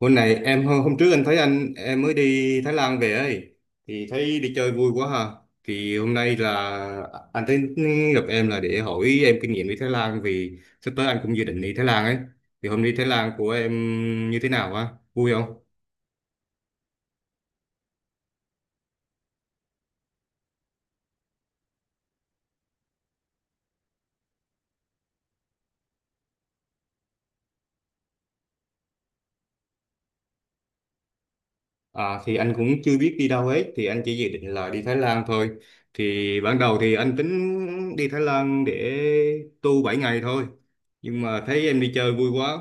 Hôm trước anh thấy em mới đi Thái Lan về ấy thì thấy đi chơi vui quá ha. Thì hôm nay là anh thấy gặp em là để hỏi em kinh nghiệm đi Thái Lan vì sắp tới anh cũng dự định đi Thái Lan ấy. Thì hôm đi Thái Lan của em như thế nào ha? Vui không? À thì anh cũng chưa biết đi đâu hết thì anh chỉ dự định là đi Thái Lan thôi. Thì ban đầu thì anh tính đi Thái Lan để tu 7 ngày thôi. Nhưng mà thấy em đi chơi vui quá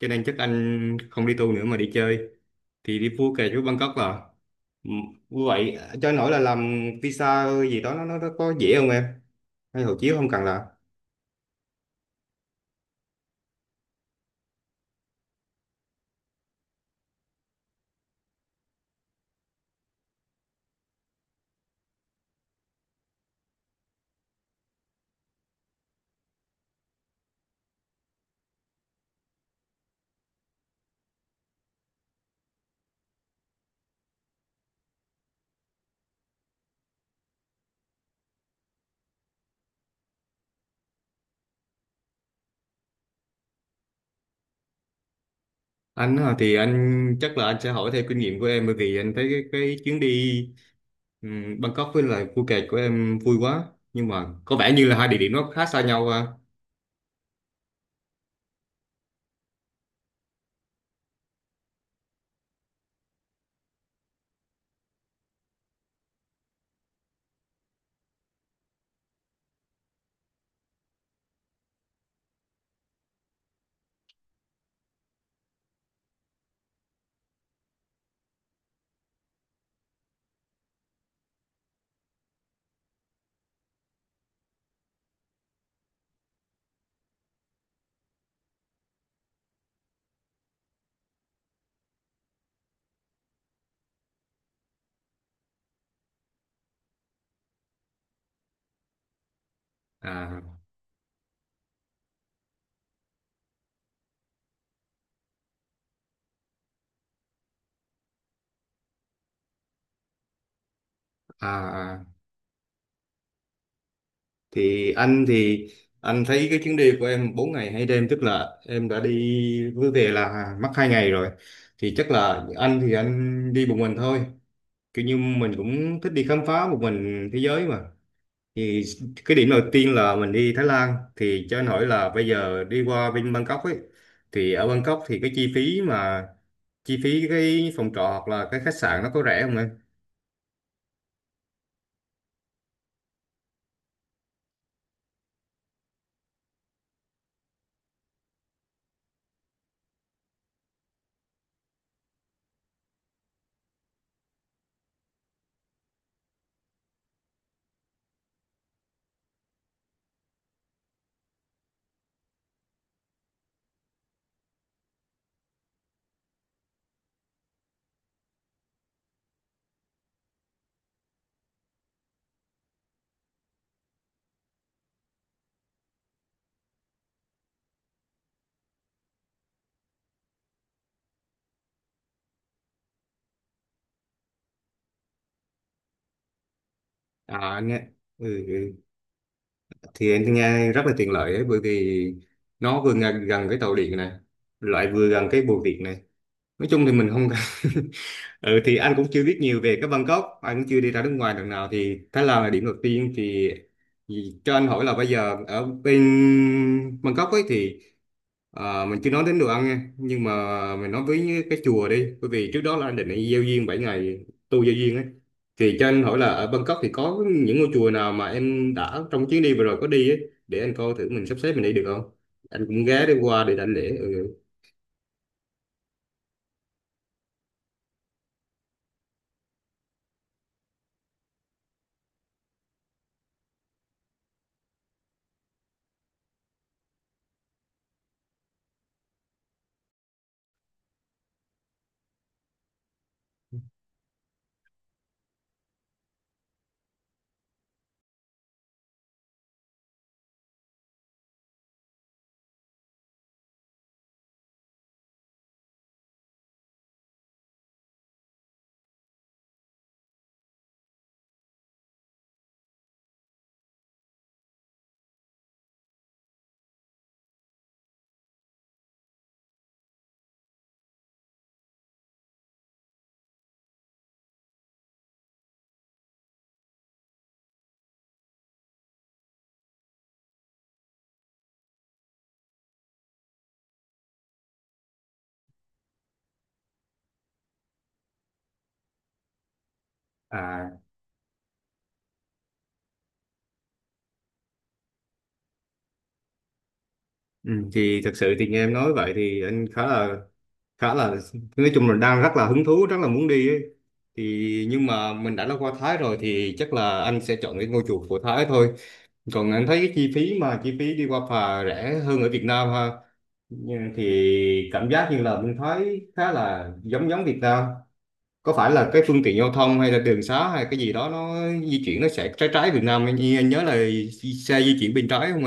cho nên chắc anh không đi tu nữa mà đi chơi thì đi Phuket kẹt với Bangkok là Ừ, vậy cho nổi là làm visa gì đó nó có dễ không em, hay hộ chiếu không cần làm? Anh hả, thì anh chắc là anh sẽ hỏi theo kinh nghiệm của em bởi vì anh thấy cái chuyến đi, Bangkok với lại Phuket kẹt của em vui quá, nhưng mà có vẻ như là hai địa điểm nó khá xa nhau ha. à à à. Thì anh thấy cái chuyến đi của em 4 ngày hai đêm, tức là em đã đi với về là mất hai ngày rồi, thì chắc là anh đi một mình thôi, kiểu như mình cũng thích đi khám phá một mình thế giới mà. Thì cái điểm đầu tiên là mình đi Thái Lan thì cho anh hỏi là bây giờ đi qua bên Bangkok ấy, thì ở Bangkok thì cái chi phí mà chi phí cái phòng trọ hoặc là cái khách sạn nó có rẻ không em? À anh nghe. ừ, ừ. Thì anh nghe rất là tiện lợi ấy, bởi vì nó vừa gần, gần cái tàu điện này, lại vừa gần cái bưu điện này, nói chung thì mình không cần Ừ thì anh cũng chưa biết nhiều về cái Bangkok, anh cũng chưa đi ra nước ngoài lần nào thì Thái Lan là điểm đầu tiên, thì cho anh hỏi là bây giờ ở bên Bangkok ấy thì à, mình chưa nói đến đồ ăn nha, nhưng mà mình nói với cái chùa đi, bởi vì trước đó là anh định đi giao duyên 7 ngày, tu giao duyên ấy. Thì cho anh hỏi là ở Bangkok thì có những ngôi chùa nào mà em đã trong chuyến đi vừa rồi có đi ấy, để anh coi thử mình sắp xếp mình đi được không? Anh cũng ghé đi qua để đảnh lễ. Ừ. À, ừ, thì thật sự thì nghe em nói vậy thì anh khá là, khá là nói chung là đang rất là hứng thú rất là muốn đi ấy. Thì nhưng mà mình đã qua Thái rồi thì chắc là anh sẽ chọn cái ngôi chùa của Thái thôi. Còn anh thấy cái chi phí mà chi phí đi qua phà rẻ hơn ở Việt Nam ha. Nhưng thì cảm giác như là bên Thái khá là giống giống Việt Nam, có phải là cái phương tiện giao thông hay là đường xá hay cái gì đó nó di chuyển, nó sẽ trái trái Việt Nam, anh nhớ là xe di chuyển bên trái không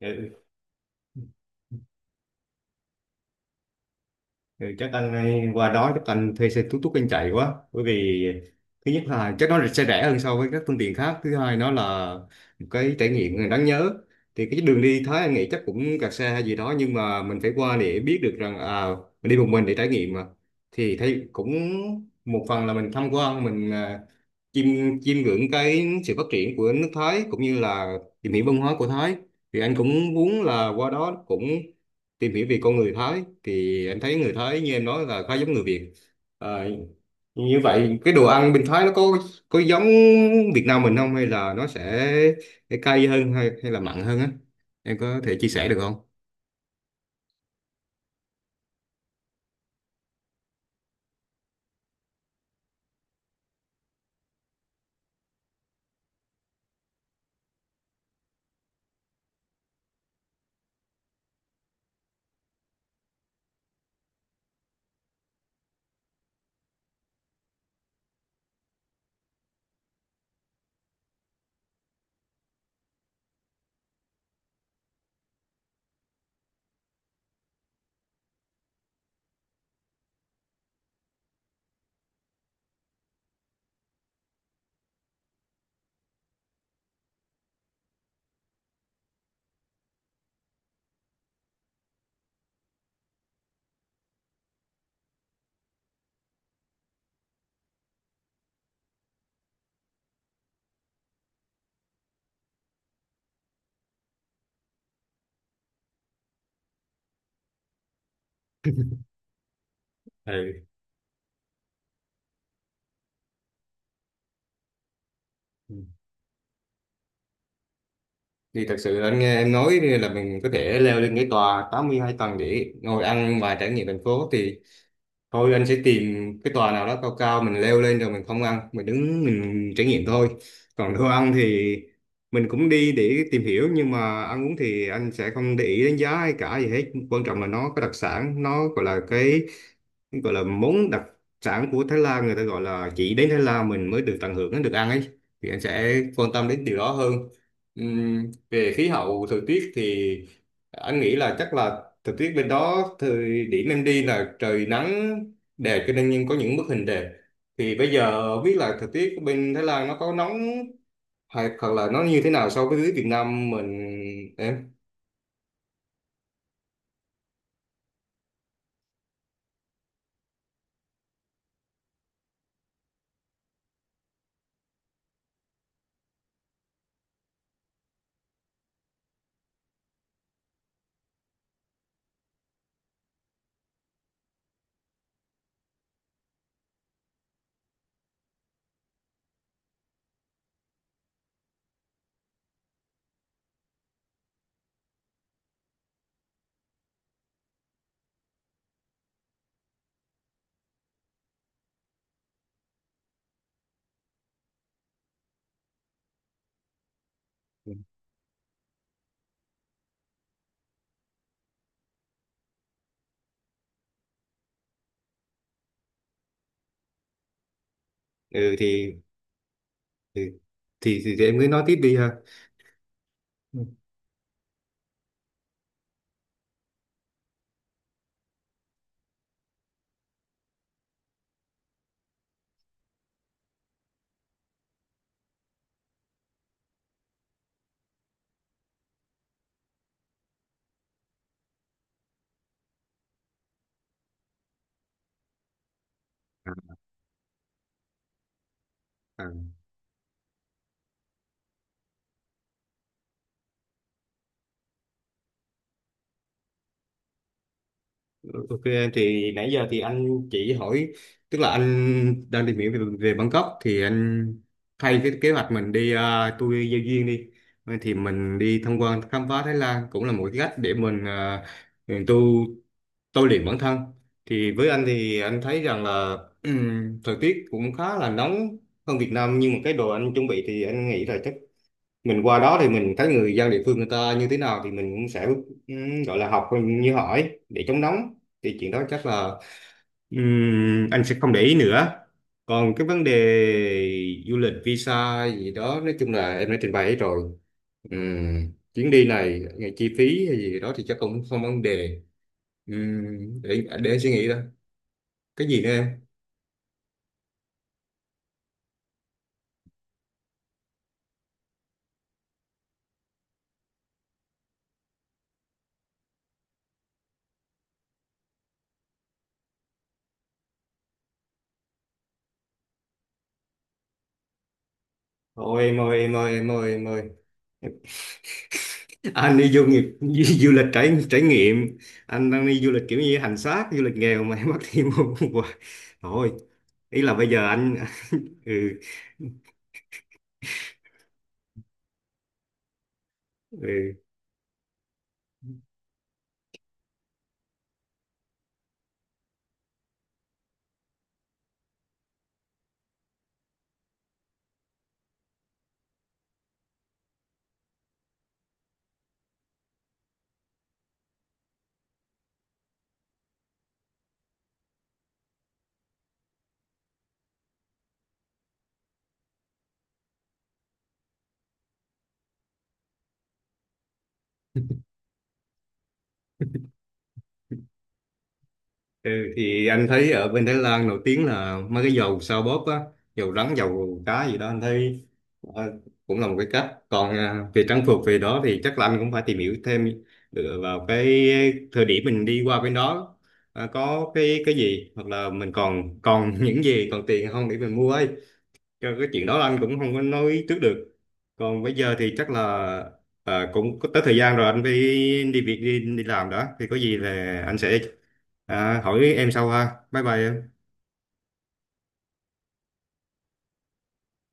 em? Ừ, chắc anh ờ, qua đó chắc anh thuê xe tút tút anh chạy quá, bởi vì thứ nhất là chắc nó sẽ rẻ hơn so với các phương tiện khác, thứ hai nó là một cái trải nghiệm đáng nhớ. Thì cái đường đi Thái anh nghĩ chắc cũng kẹt xe hay gì đó, nhưng mà mình phải qua để biết được rằng à, mình đi một mình để trải nghiệm mà. Thì thấy cũng một phần là mình tham quan mình à, chiêm chiêm ngưỡng cái sự phát triển của nước Thái, cũng như là tìm hiểu văn hóa của Thái. Thì anh cũng muốn là qua đó cũng tìm hiểu về con người Thái, thì anh thấy người Thái như em nói là khá giống người Việt. À, như vậy cái đồ ăn bên Thái nó có giống Việt Nam mình không, hay là nó sẽ cay hơn hay hay là mặn hơn á, em có thể chia sẻ được không? Ừ. Thì thật sự là anh nghe em nói là mình có thể leo lên cái tòa 82 tầng để ngồi ăn và trải nghiệm thành phố thì thôi anh sẽ tìm cái tòa nào đó cao cao mình leo lên rồi mình không ăn, mình đứng mình trải nghiệm thôi. Còn đồ ăn thì mình cũng đi để tìm hiểu, nhưng mà ăn uống thì anh sẽ không để ý đến giá hay cả gì hết. Quan trọng là nó có đặc sản, nó gọi là món đặc sản của Thái Lan, người ta gọi là chỉ đến Thái Lan mình mới được tận hưởng, mới được ăn ấy, thì anh sẽ quan tâm đến điều đó hơn. Về khí hậu thời tiết thì anh nghĩ là chắc là thời tiết bên đó thời điểm em đi là trời nắng đẹp, cho nên nhưng có những bức hình đẹp. Thì bây giờ không biết là thời tiết bên Thái Lan nó có nóng hay hoặc là nó như thế nào so với Việt Nam mình, em? Ừ thì thì thì em cứ nói tiếp đi ha. Ừ. À, à. Ok, thì nãy giờ thì anh chỉ hỏi, tức là anh đang tìm hiểu về, Bangkok, thì anh thay cái kế hoạch mình đi tour giao duyên đi. Vậy thì mình đi tham quan khám phá Thái Lan cũng là một cái cách để mình à, mình tu tôi luyện bản thân. Thì với anh thì anh thấy rằng là thời tiết cũng khá là nóng hơn Việt Nam, nhưng mà cái đồ anh chuẩn bị thì anh nghĩ là chắc mình qua đó thì mình thấy người dân địa phương người ta như thế nào thì mình cũng sẽ gọi là học như hỏi để chống nóng, thì chuyện đó chắc là anh sẽ không để ý nữa. Còn cái vấn đề du lịch visa gì đó nói chung là em đã trình bày hết rồi. Chuyến đi này ngày chi phí hay gì đó thì chắc cũng không vấn đề. Để anh suy nghĩ đó. Cái gì nữa em? Ôi em ơi em ơi em ơi em ơi, anh đi du nghiệp du lịch trải trải nghiệm, anh đang đi du lịch kiểu như hành xác, du lịch nghèo mà em bắt thêm một hoài. Thôi ý là bây giờ anh ừ, ừ, ừ, thì anh thấy ở bên Thái Lan nổi tiếng là mấy cái dầu sao bóp á, dầu rắn dầu cá gì đó anh thấy ờ, cũng là một cái cách. Còn à, về trang phục về đó thì chắc là anh cũng phải tìm hiểu thêm dựa vào cái thời điểm mình đi qua bên đó à, có cái gì hoặc là mình còn còn những gì còn tiền không để mình mua ấy. Cho cái chuyện đó là anh cũng không có nói trước được. Còn bây giờ thì chắc là à, cũng có tới thời gian rồi anh phải đi việc đi, đi làm đó. Thì có gì là anh sẽ à, hỏi em sau ha. Bye bye em.